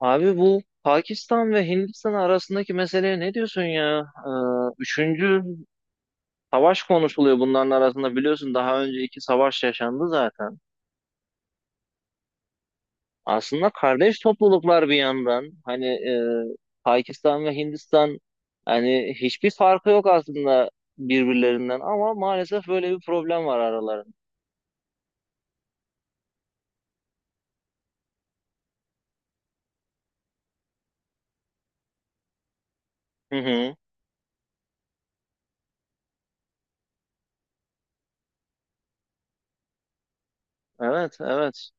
Abi bu Pakistan ve Hindistan arasındaki meseleye ne diyorsun ya? Üçüncü savaş konuşuluyor bunların arasında, biliyorsun daha önce iki savaş yaşandı zaten. Aslında kardeş topluluklar bir yandan, hani Pakistan ve Hindistan hani hiçbir farkı yok aslında birbirlerinden, ama maalesef böyle bir problem var aralarında. Hı hı. Evet, evet.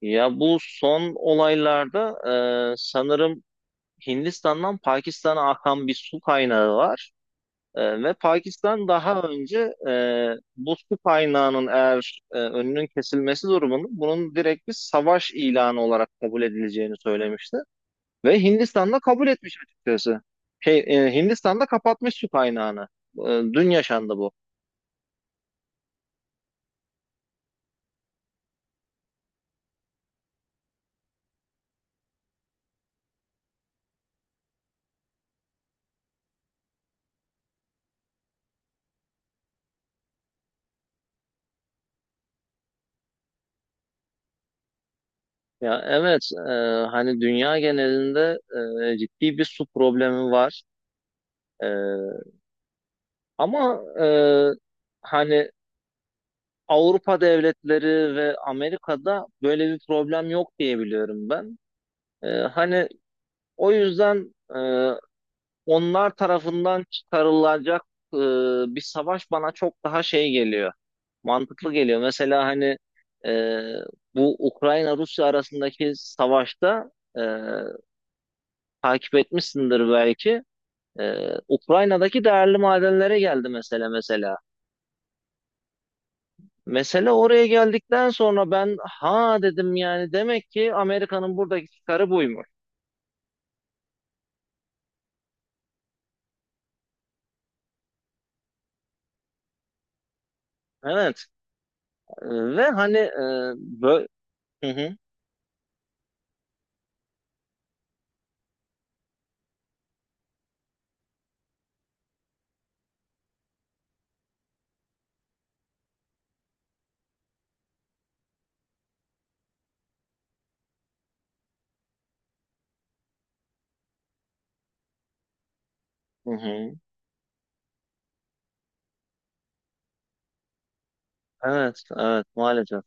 Ya bu son olaylarda sanırım Hindistan'dan Pakistan'a akan bir su kaynağı var. Ve Pakistan daha önce, bu su kaynağının eğer önünün kesilmesi durumunda bunun direkt bir savaş ilanı olarak kabul edileceğini söylemişti. Ve Hindistan da kabul etmiş açıkçası. Hindistan da kapatmış su kaynağını. E, dün yaşandı bu. Ya evet, hani dünya genelinde ciddi bir su problemi var. E, ama, hani Avrupa devletleri ve Amerika'da böyle bir problem yok diye biliyorum ben. Hani o yüzden onlar tarafından çıkarılacak e, bir savaş bana çok daha şey geliyor. Mantıklı geliyor. Mesela hani e, bu Ukrayna-Rusya arasındaki savaşta e, takip etmişsindir belki. Ukrayna'daki değerli madenlere geldi mesela mesela. Mesele oraya geldikten sonra ben ha dedim, yani demek ki Amerika'nın buradaki çıkarı buymuş. Evet. E, Ve hani... bö- Hı hı. Hı hı. Evet, evet maalesef.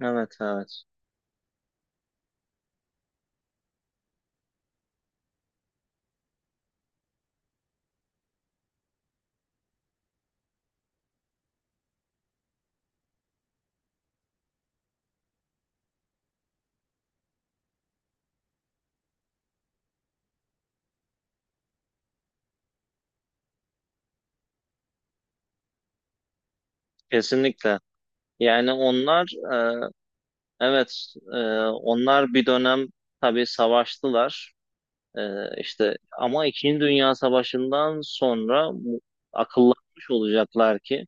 Evet, evet. Kesinlikle. Yani onlar, e, evet, onlar bir dönem tabii savaştılar. E, işte ama İkinci Dünya Savaşı'ndan sonra akıllanmış olacaklar ki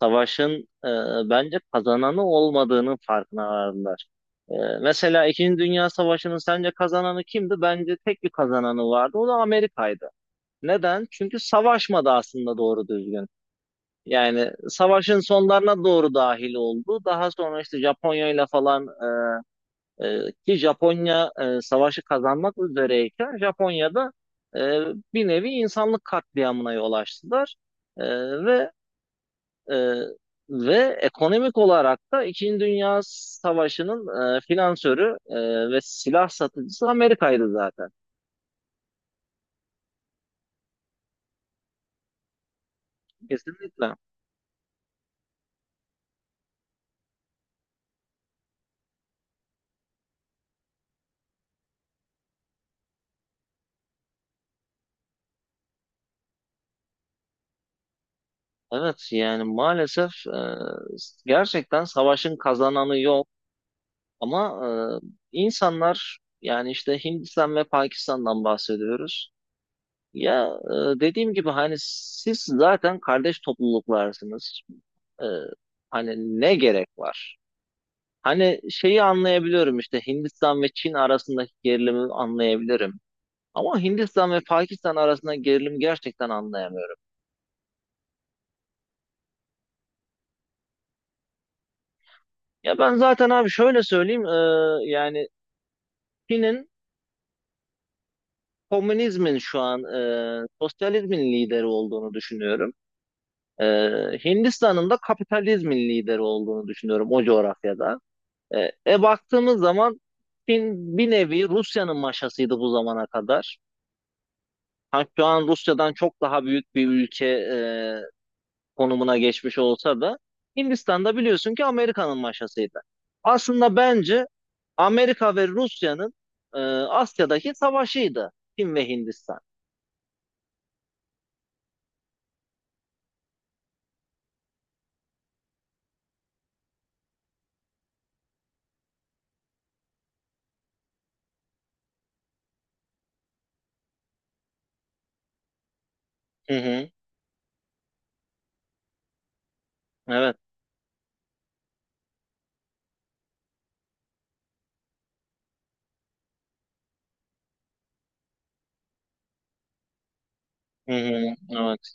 savaşın e, bence kazananı olmadığının farkına vardılar. E, mesela İkinci Dünya Savaşı'nın sence kazananı kimdi? Bence tek bir kazananı vardı. O da Amerika'ydı. Neden? Çünkü savaşmadı aslında doğru düzgün. Yani savaşın sonlarına doğru dahil oldu. Daha sonra işte Japonya ile falan, ki Japonya savaşı kazanmak üzereyken Japonya'da e, bir nevi insanlık katliamına yol açtılar. E, ve e, ve ekonomik olarak da İkinci Dünya Savaşı'nın finansörü ve silah satıcısı Amerika'ydı zaten. Kesinlikle. Evet, yani maalesef gerçekten savaşın kazananı yok. Ama insanlar, yani işte Hindistan ve Pakistan'dan bahsediyoruz. Ya dediğim gibi hani siz zaten kardeş topluluklarsınız. E, hani ne gerek var? Hani şeyi anlayabiliyorum, işte Hindistan ve Çin arasındaki gerilimi anlayabilirim. Ama Hindistan ve Pakistan arasında gerilim gerçekten anlayamıyorum. Ya ben zaten abi şöyle söyleyeyim, yani Çin'in komünizmin şu an, sosyalizmin lideri olduğunu düşünüyorum. Hindistan'ın da kapitalizmin lideri olduğunu düşünüyorum o coğrafyada. Baktığımız zaman Çin bir nevi Rusya'nın maşasıydı bu zamana kadar. Ha, şu an Rusya'dan çok daha büyük bir ülke konumuna geçmiş olsa da Hindistan'da biliyorsun ki Amerika'nın maşasıydı. Aslında bence Amerika ve Rusya'nın Asya'daki savaşıydı Çin ve Hindistan. Hı hı, evet. Hı hı, evet,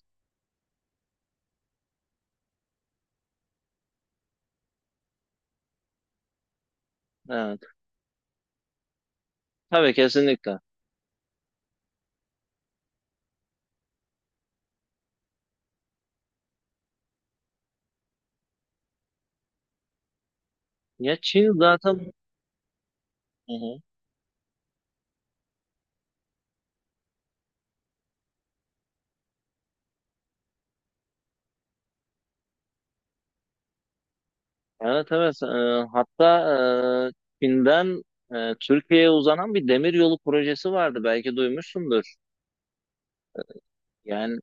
evet. Tabii, kesinlikle. Ya Çin zaten... Hı hı. Evet, evet. Hatta Çin'den Türkiye'ye uzanan bir demir yolu projesi vardı. Belki duymuşsundur. Yani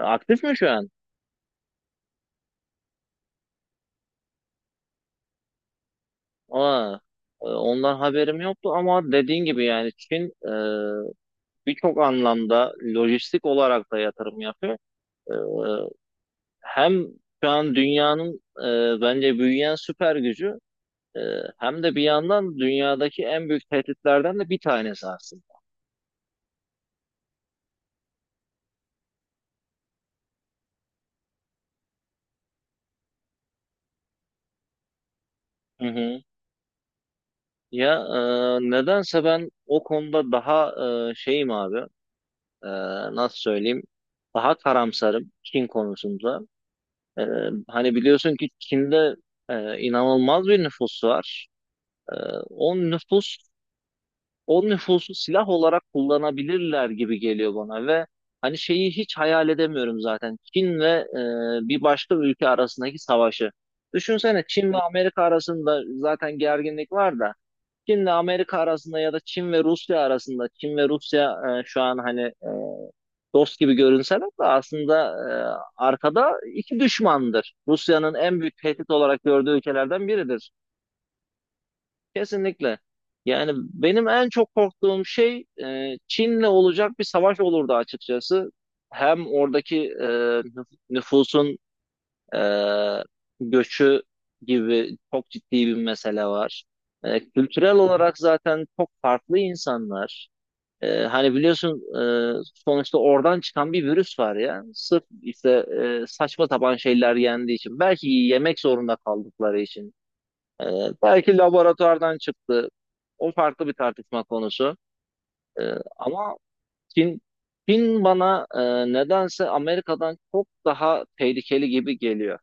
aktif mi şu an? Aa, ondan haberim yoktu, ama dediğin gibi yani Çin birçok anlamda lojistik olarak da yatırım yapıyor. E, hem şu an dünyanın bence büyüyen süper gücü, e, hem de bir yandan dünyadaki en büyük tehditlerden de bir tanesi aslında. Hı hı. Ya nedense ben o konuda daha şeyim abi. E, nasıl söyleyeyim? Daha karamsarım Çin konusunda. E, hani biliyorsun ki Çin'de inanılmaz bir nüfus var. E, o nüfus o nüfusu silah olarak kullanabilirler gibi geliyor bana, ve hani şeyi hiç hayal edemiyorum zaten. Çin ve bir başka ülke arasındaki savaşı. Düşünsene, Çin ve Amerika arasında zaten gerginlik var da Çin'le Amerika arasında ya da Çin ve Rusya arasında. Çin ve Rusya şu an hani dost gibi görünseler de aslında arkada iki düşmandır. Rusya'nın en büyük tehdit olarak gördüğü ülkelerden biridir. Kesinlikle. Yani benim en çok korktuğum şey Çin'le olacak bir savaş olurdu açıkçası. Hem oradaki, nüfusun ee, göçü gibi çok ciddi bir mesele var. Kültürel olarak zaten çok farklı insanlar. Hani biliyorsun sonuçta oradan çıkan bir virüs var ya. Sırf işte saçma sapan şeyler yendiği için. Belki yemek zorunda kaldıkları için. Ee, belki laboratuvardan çıktı. O farklı bir tartışma konusu. Ama Çin, Çin bana nedense Amerika'dan çok daha tehlikeli gibi geliyor.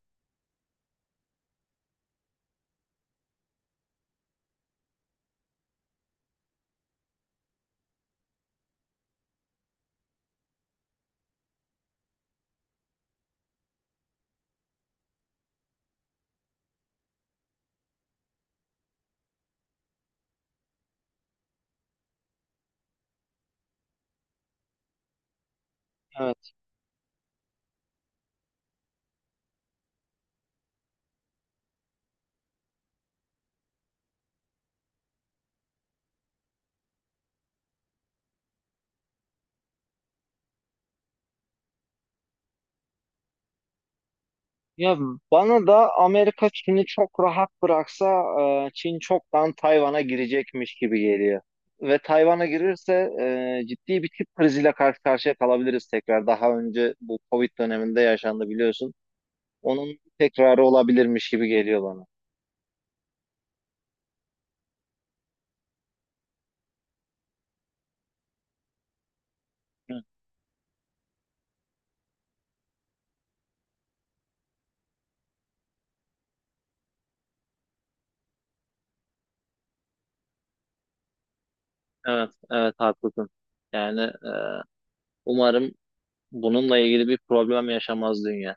Ya bana da Amerika Çin'i çok rahat bıraksa Çin çoktan Tayvan'a girecekmiş gibi geliyor. Ve Tayvan'a girirse ciddi bir tip kriziyle karşı karşıya kalabiliriz tekrar. Daha önce bu Covid döneminde yaşandı biliyorsun. Onun tekrarı olabilirmiş gibi geliyor bana. Hı, evet, evet haklısın. Yani umarım bununla ilgili bir problem yaşamaz dünya.